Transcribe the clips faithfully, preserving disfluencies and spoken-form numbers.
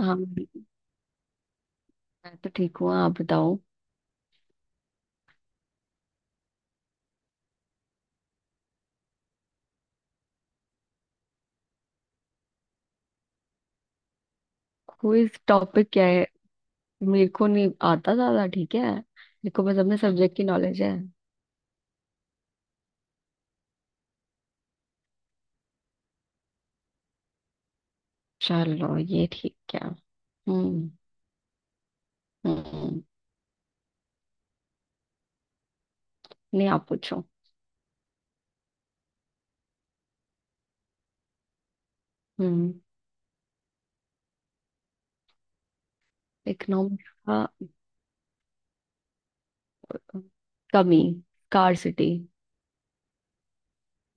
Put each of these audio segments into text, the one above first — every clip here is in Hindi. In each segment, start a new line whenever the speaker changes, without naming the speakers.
हाँ, मैं तो ठीक हूँ। आप बताओ। क्विज टॉपिक क्या है? मेरे को नहीं आता ज्यादा। ठीक है, मेरे को बस अपने सब्जेक्ट की नॉलेज है। चलो, ये ठीक है। हम्म। हम्म। नहीं, आप पूछो। हम्म। इकोनॉमिक्स का। कमी। स्कार्सिटी।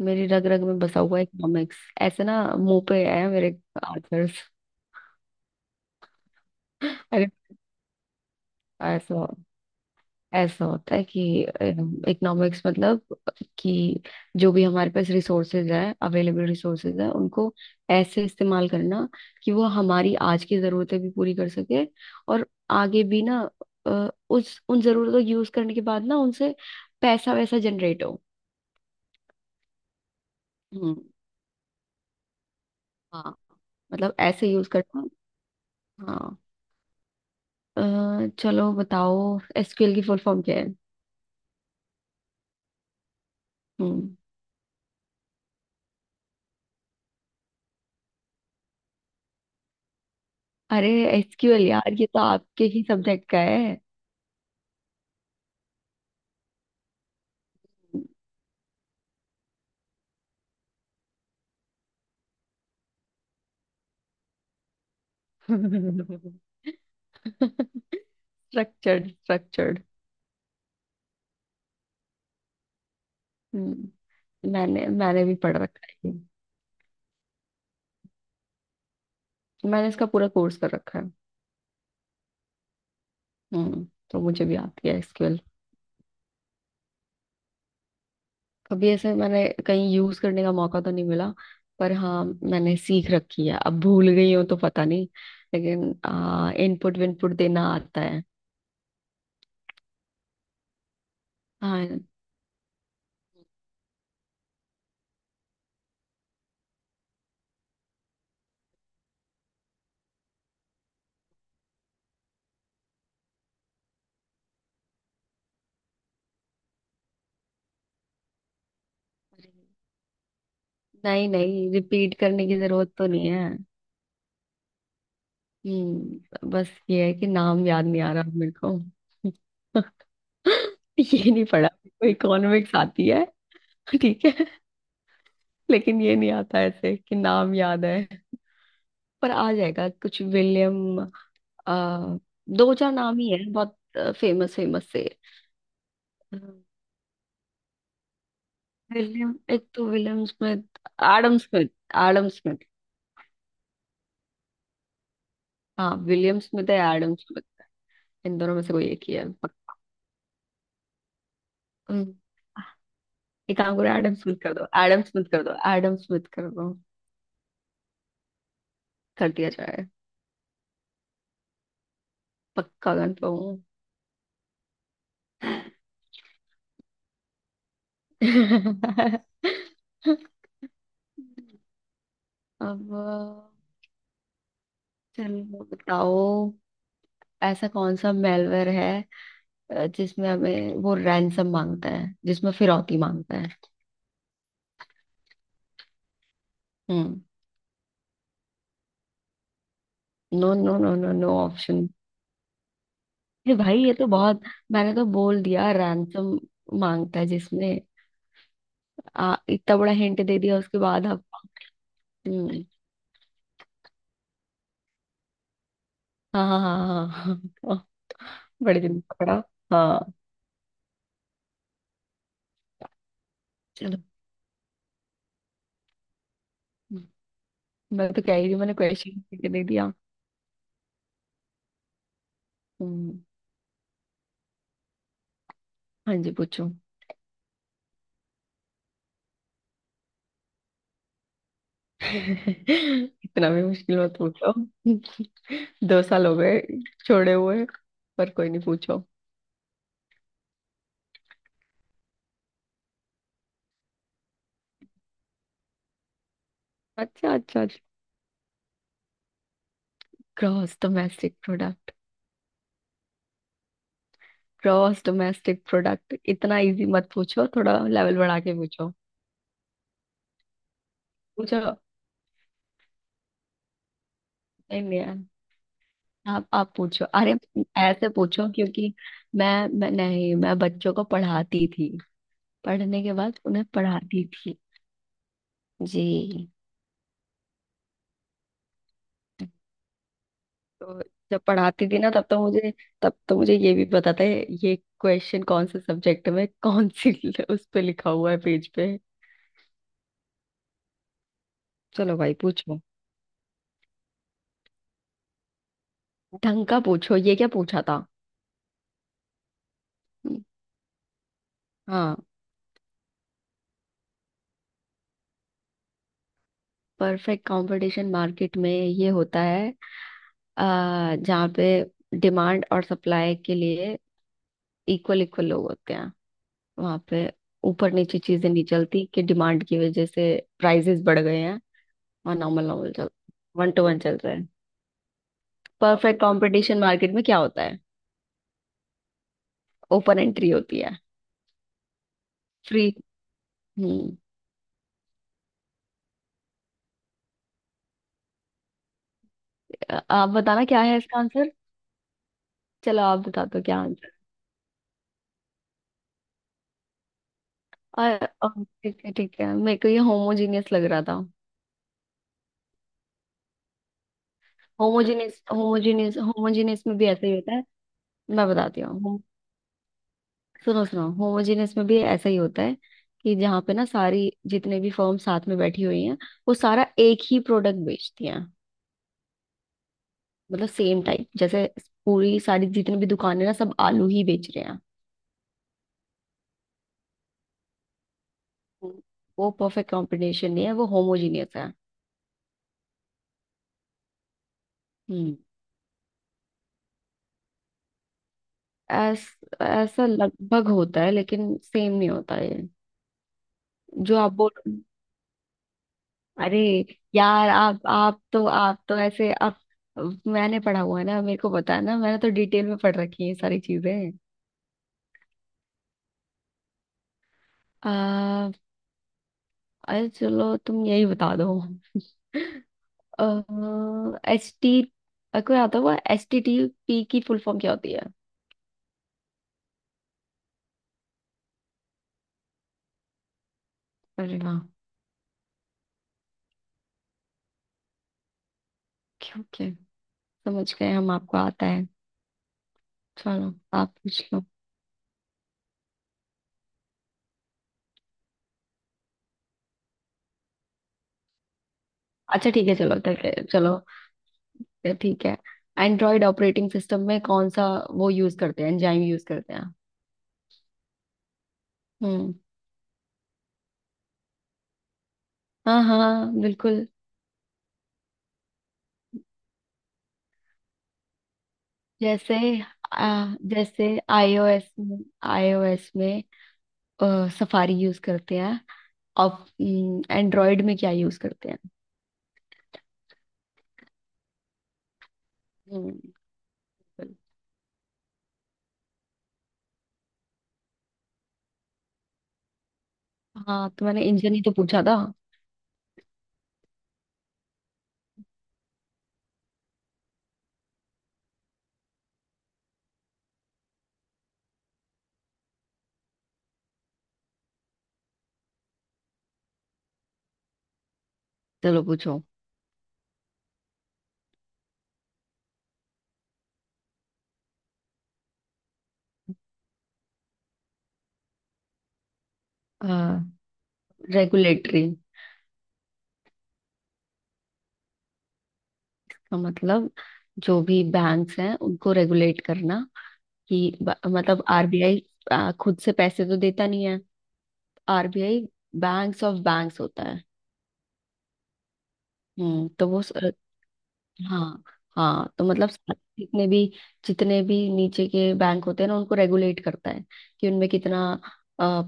मेरी रग रग में बसा हुआ इकोनॉमिक्स। ऐसे ना मुंह पे है मेरे आंसर्स। अरे, ऐसा ऐसा होता है कि इकोनॉमिक्स मतलब कि जो भी हमारे पास रिसोर्सेज है अवेलेबल रिसोर्सेज है उनको ऐसे इस्तेमाल करना कि वो हमारी आज की ज़रूरतें भी पूरी कर सके, और आगे भी ना अ, उस उन ज़रूरतों को यूज़ करने के बाद ना उनसे पैसा वैसा जनरेट हो। हम्म। हाँ, मतलब ऐसे यूज़ करना। हाँ। अ, चलो बताओ, एस क्यू एल की फुल फॉर्म क्या है? हम्म। अरे, एस क्यू एल यार, ये तो आपके ही सब्जेक्ट का है। स्ट्रक्चर्ड। स्ट्रक्चर्ड। हम्म। मैंने मैंने भी पढ़ रखा है ये। मैंने इसका पूरा कोर्स कर रखा है। हम्म। तो मुझे भी आती है एस क्यू एल। कभी ऐसे मैंने कहीं यूज करने का मौका तो नहीं मिला। पर हाँ, मैंने सीख रखी है। अब भूल गई हूँ तो पता नहीं। लेकिन आ, इनपुट विनपुट देना आता है। हाँ। नहीं नहीं, रिपीट करने की जरूरत तो नहीं है। हम्म, बस ये है कि नाम याद नहीं आ रहा अब मेरे को। ये नहीं पढ़ा मेरे को। इकोनॉमिक्स आती है। ठीक है। लेकिन ये नहीं आता ऐसे कि नाम याद है। पर आ जाएगा, कुछ विलियम। आ, दो चार नाम ही है बहुत। फेमस फेमस से। विलियम, एक तो William Smith. Adam Smith. Adam Smith. हाँ, विलियम स्मिथ है एडम स्मिथ। इन दोनों में से कोई एक ही है। पक- हम्म। एक काम करो, एडम स्मिथ कर दो, एडम स्मिथ कर दो, एडम स्मिथ कर दो। कर दिया जाए। पक्का कंफर्म हूँ। अब चलो बताओ, ऐसा कौन सा मेलवेयर है अ, जिसमें हमें वो रैंसम मांगता है, जिसमें फिरौती मांगता है? हम्म। No no no no no option. ये भाई, ये तो बहुत। मैंने तो बोल दिया रैंसम मांगता है जिसमें। आ, इतना बड़ा हिंट दे दिया उसके बाद आप। हम्म। हाँ हाँ हाँ हाँ हाँ, हाँ, बड़े दिन पकड़ा। हाँ, चलो। हम्म, मैं तो कह ही रही हूँ, मैंने क्वेश्चन दे दिया। हम्म। हाँ जी, पूछो। इतना भी मुश्किल मत पूछो। दो साल हो गए छोड़े हुए। पर कोई नहीं, पूछो। अच्छा अच्छा अच्छा। Gross domestic product. Gross domestic product, इतना इजी मत पूछो, थोड़ा लेवल बढ़ा के पूछो। पूछो। नहीं नहीं यार, आप आप पूछो, अरे। ऐसे पूछो क्योंकि मैं मैं नहीं, मैं बच्चों को पढ़ाती थी। पढ़ने के बाद उन्हें पढ़ाती थी। जी। तो जब पढ़ाती थी ना, तब तो मुझे तब तो मुझे ये भी पता था, ये क्वेश्चन कौन से सब्जेक्ट में कौन सी, उस पे लिखा हुआ है पेज पे। चलो भाई, पूछो। ढंग का पूछो, ये क्या पूछा था? हम्म। हाँ। परफेक्ट कंपटीशन मार्केट में ये होता है, आ जहाँ पे डिमांड और सप्लाई के लिए इक्वल इक्वल लोग होते हैं। वहां पे ऊपर नीचे चीजें नहीं चलती कि डिमांड की वजह से प्राइसेस बढ़ गए हैं। और नॉर्मल नॉर्मल चल, वन टू वन चल रहा है। परफेक्ट कंपटीशन मार्केट में क्या होता है? ओपन एंट्री होती है। फ्री। हम्म। आ- आप बताना, क्या है इसका आंसर? चलो आप बता दो क्या। और और ठीक है ठीक है, मेरे को ये होमोजीनियस लग रहा था। होमोजीनियस होमोजीनियस होमोजीनियस में भी ऐसा ही होता है। मैं बताती हूँ होम- सुनो सुनो, होमोजीनियस में भी ऐसा ही होता है कि जहाँ पे ना सारी, जितने भी फर्म साथ में बैठी हुई हैं, वो सारा एक ही प्रोडक्ट बेचती हैं। मतलब सेम टाइप, जैसे पूरी सारी जितनी भी दुकानें ना, सब आलू ही बेच रहे हैं। हम्म। वो परफेक्ट कॉम्बिनेशन नहीं है, वो होमोजीनियस है। हम्म। ऐस, ऐसा लगभग होता है लेकिन सेम नहीं होता ये। जो आप बोल, अरे यार, आप आप तो आप तो ऐसे आप। मैंने पढ़ा हुआ है ना, मेरे को पता है ना, मैंने तो डिटेल में पढ़ रखी है ये सारी चीजें। आ, अरे चलो, तुम यही बता दो। एच टी कोई आता हुआ एच टी टी पी की फुल फॉर्म क्या होती है? अरे वाह! क्यों, क्या? समझ गए हम, आपको आता है। चलो। आप पूछ लो। अच्छा ठीक है, चलो। ठीक है, चलो। ठीक है, एंड्रॉइड ऑपरेटिंग सिस्टम में कौन सा वो यूज करते हैं, एंजाइम यूज करते हैं? हम्म, हाँ हाँ बिल्कुल। जैसे आ, जैसे आईओएस में आईओएस में सफारी यूज करते हैं, और एंड्रॉयड में क्या यूज करते हैं? हम्म, बिल्कुल। हाँ, तो मैंने इंजन ही तो पूछा था। चलो पूछो। रेगुलेटरी का मतलब, जो भी बैंक्स हैं उनको रेगुलेट करना। कि ब- मतलब आर बी आई खुद से पैसे तो देता नहीं है। R B I banks of banks होता है। हम्म, तो वो। हाँ हाँ, तो मतलब साथ- जितने भी जितने भी नीचे के बैंक होते हैं ना, उनको रेगुलेट करता है। कि उनमें कितना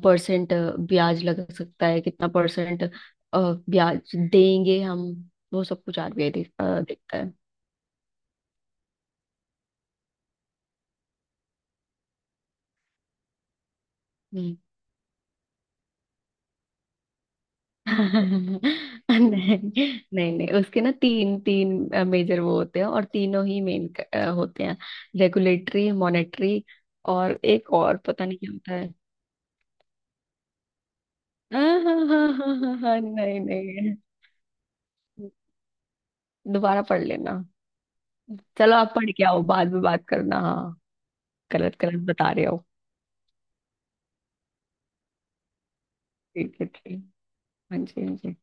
परसेंट ब्याज लग सकता है, कितना परसेंट ब्याज देंगे हम, वो सब कुछ आर बी आई देख, अ, देखता है। हम्म। नहीं नहीं नहीं, उसके ना तीन तीन मेजर वो होते हैं, और तीनों ही मेन होते हैं। रेगुलेटरी, मॉनेटरी, और एक और पता नहीं क्या होता है। हाँ हाँ हाँ हाँ हाँ हाँ, हाँ, नहीं नहीं, दोबारा पढ़ लेना। चलो, आप पढ़ के आओ, बाद में बात करना, हाँ। गलत गलत बता रहे हो। ठीक है, ठीक। हाँ जी। हाँ जी।